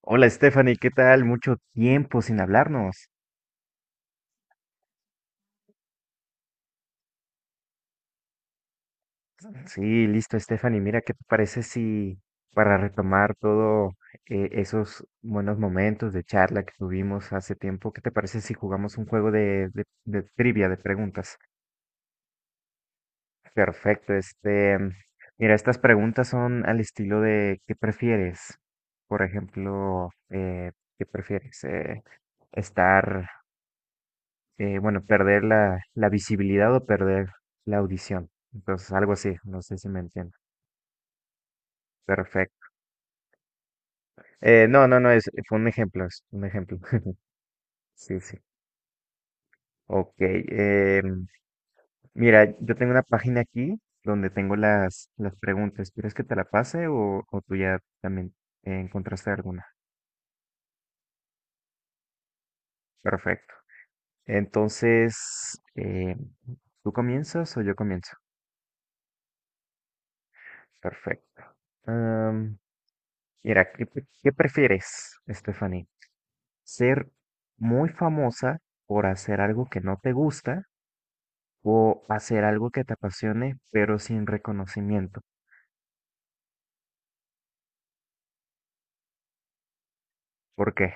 Hola Stephanie, ¿qué tal? Mucho tiempo sin hablarnos. Sí, listo Stephanie, mira, ¿qué te parece si para retomar todo esos buenos momentos de charla que tuvimos hace tiempo? ¿Qué te parece si jugamos un juego de trivia, de preguntas? Perfecto, mira, estas preguntas son al estilo de ¿qué prefieres? Por ejemplo, ¿qué prefieres? Estar bueno, perder la visibilidad o perder la audición. Entonces, algo así, no sé si me entiendo. Perfecto. No, no, no, es, Fue un ejemplo, es un ejemplo. Sí, sí. Ok. Mira, yo tengo una página aquí donde tengo las preguntas. ¿Quieres que te la pase o tú ya también encontraste alguna? Perfecto. Entonces, ¿tú comienzas o yo comienzo? Perfecto. Am, Mira, ¿qué prefieres, Stephanie? Ser muy famosa por hacer algo que no te gusta o hacer algo que te apasione, pero sin reconocimiento. ¿Por qué?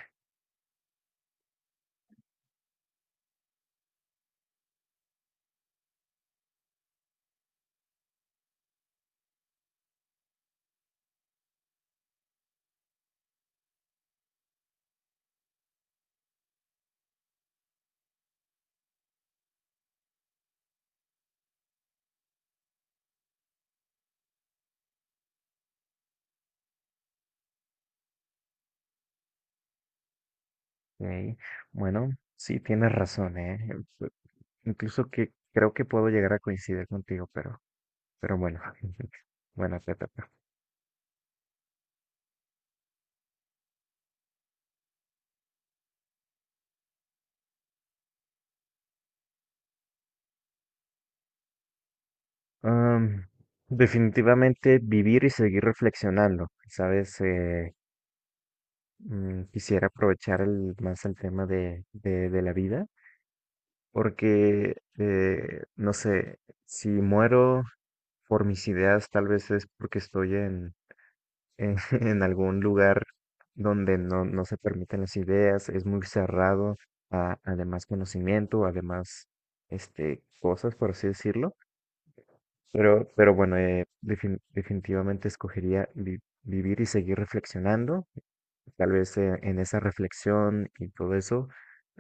Eh, Bueno, sí, tienes razón, ¿eh? Pu- Incluso que creo que puedo llegar a coincidir contigo, pero bueno, bueno, te toca. Am, Definitivamente vivir y seguir reflexionando, ¿sabes? Quisiera aprovechar más el tema de, de la vida. Porque, no sé, si muero por mis ideas, tal vez es porque estoy en algún lugar donde no se permiten las ideas, es muy cerrado a, además conocimiento, además cosas, por así decirlo. Pero bueno, definitivamente escogería vivir y seguir reflexionando. Tal vez en esa reflexión y todo eso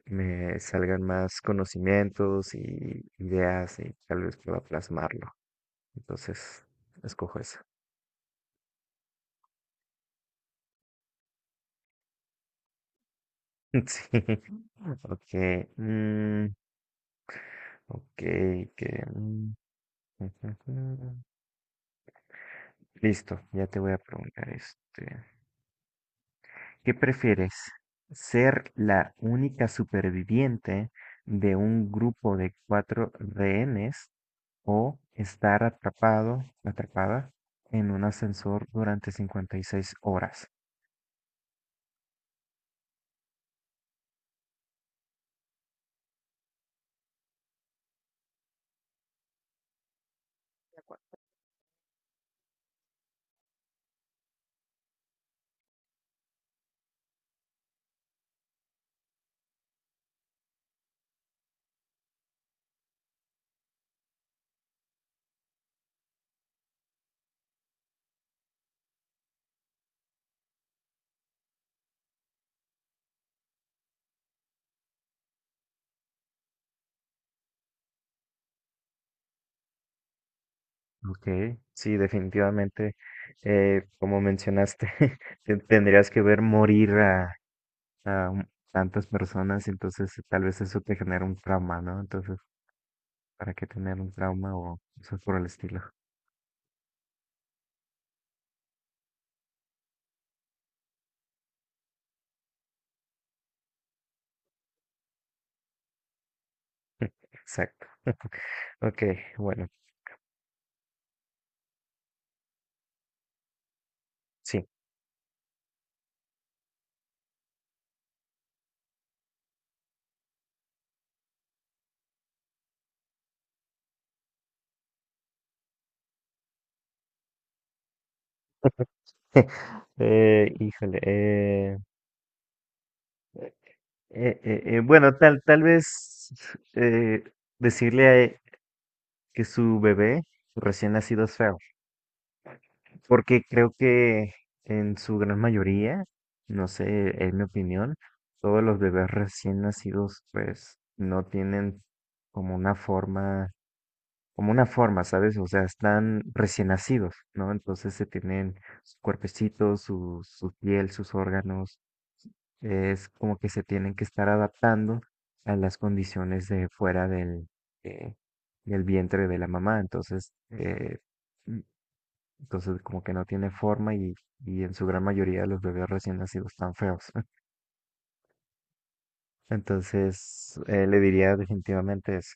me salgan más conocimientos y ideas y tal vez pueda plasmarlo. Entonces, escojo eso. Sí. Ok. mm, ok. Listo, ya te voy a preguntar este. ¿Qué prefieres? ¿Ser la única superviviente de un grupo de cuatro rehenes o estar atrapada en un ascensor durante 56 horas? Ok, sí, definitivamente, como mencionaste, tendrías que ver morir a tantas personas, entonces tal vez eso te genera un trauma, ¿no? Entonces, ¿para qué tener un trauma o cosas por el estilo? Exacto. Ok, bueno, sí. Híjole. Bueno, tal vez eh, decirle a que su bebé recién nacido es feo, porque creo que en su gran mayoría, no sé, en mi opinión, todos los bebés recién nacidos pues no tienen como una forma como una forma, ¿sabes? O sea, están recién nacidos, ¿no? Entonces se tienen sus cuerpecitos, su piel, sus órganos, es como que se tienen que estar adaptando a las condiciones de fuera del, eh, del vientre de la mamá, entonces, mm, entonces como que no tiene forma y en su gran mayoría los bebés recién nacidos están feos. Entonces, le diría definitivamente eso.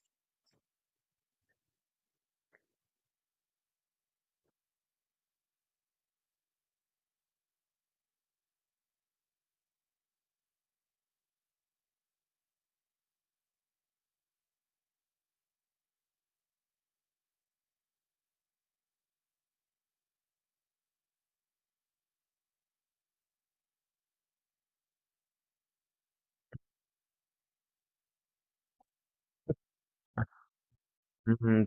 Mm,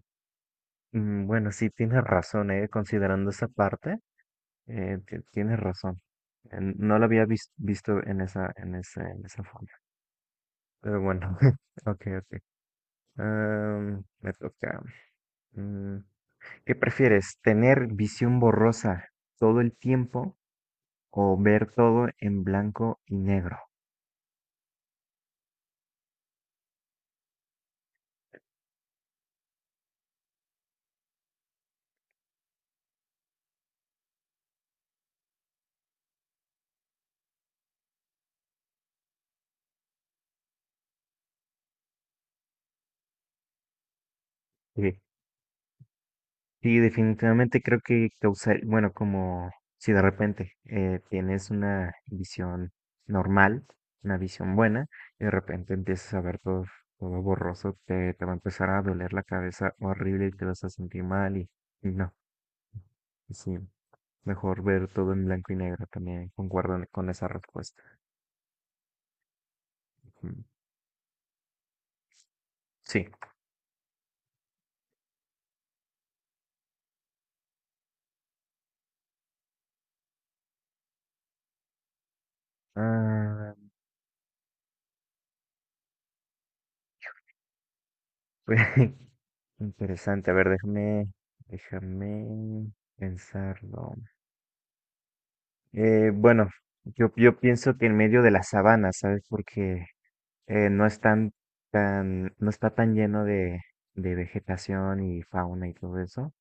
Bueno, sí, tienes razón, considerando esa parte, tienes razón. No lo había visto en en esa forma. Pero bueno, ok, ok. Me toca. Mm, ¿Qué prefieres? ¿Tener visión borrosa todo el tiempo o ver todo en blanco y negro? Sí, definitivamente creo que causar, bueno, como si de repente tienes una visión normal, una visión buena, y de repente empiezas a ver todo, todo borroso, te va a empezar a doler la cabeza horrible y te vas a sentir mal y no, sí, mejor ver todo en blanco y negro también, concuerdo con esa respuesta. Ujú. Sí. Ah, pues, interesante, a ver, déjame, déjame pensarlo. Bueno, yo pienso que en medio de la sabana, ¿sabes? Porque no es tan, tan, no está tan lleno de vegetación y fauna y todo eso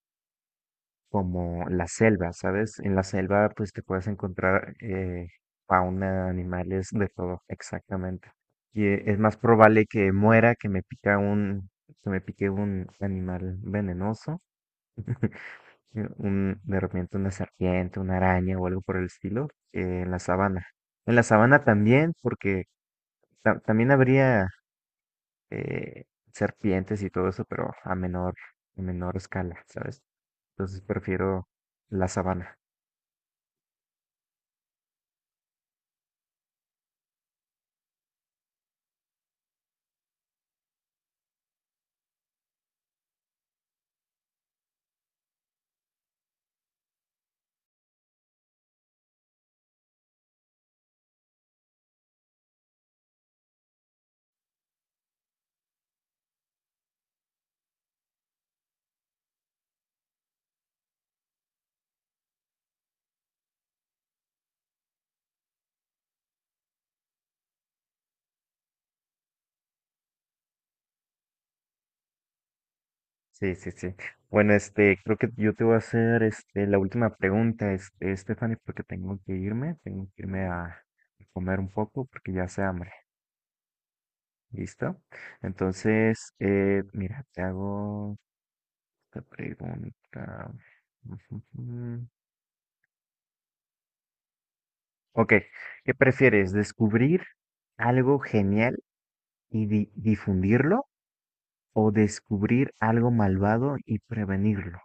como la selva, ¿sabes? En la selva pues te puedes encontrar fauna, animales, de todo, exactamente. Y es más probable que muera que me que me pique un animal venenoso sí, un, de repente una serpiente, una araña o algo por el estilo en la sabana. En la sabana también, porque también habría eh, serpientes y todo eso, pero a menor escala, ¿sabes? Entonces prefiero la sabana. Sí, sí, sí. Bueno, este, creo que yo te voy a hacer este, la última pregunta, este, Stephanie, porque tengo que irme a comer un poco porque ya hace hambre. ¿Listo? Entonces, mira, te hago esta pregunta. Ok, ¿qué prefieres? ¿Descubrir algo genial y difundirlo o descubrir algo malvado y prevenirlo?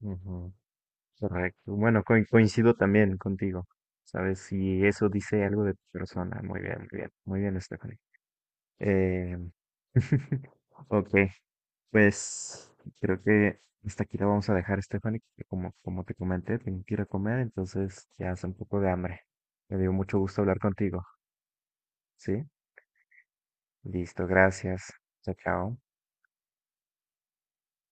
Ujú, correcto. Bueno, coincido también contigo. ¿Sabes? Si eso dice algo de tu persona. Muy bien, muy bien. Muy bien, Stephanie. Eh, ok, pues creo que hasta aquí lo vamos a dejar, Stephanie, que como, como te comenté, tengo que ir a comer, entonces ya hace un poco de hambre. Me dio mucho gusto hablar contigo, ¿sí? Listo, gracias. Chao, chao.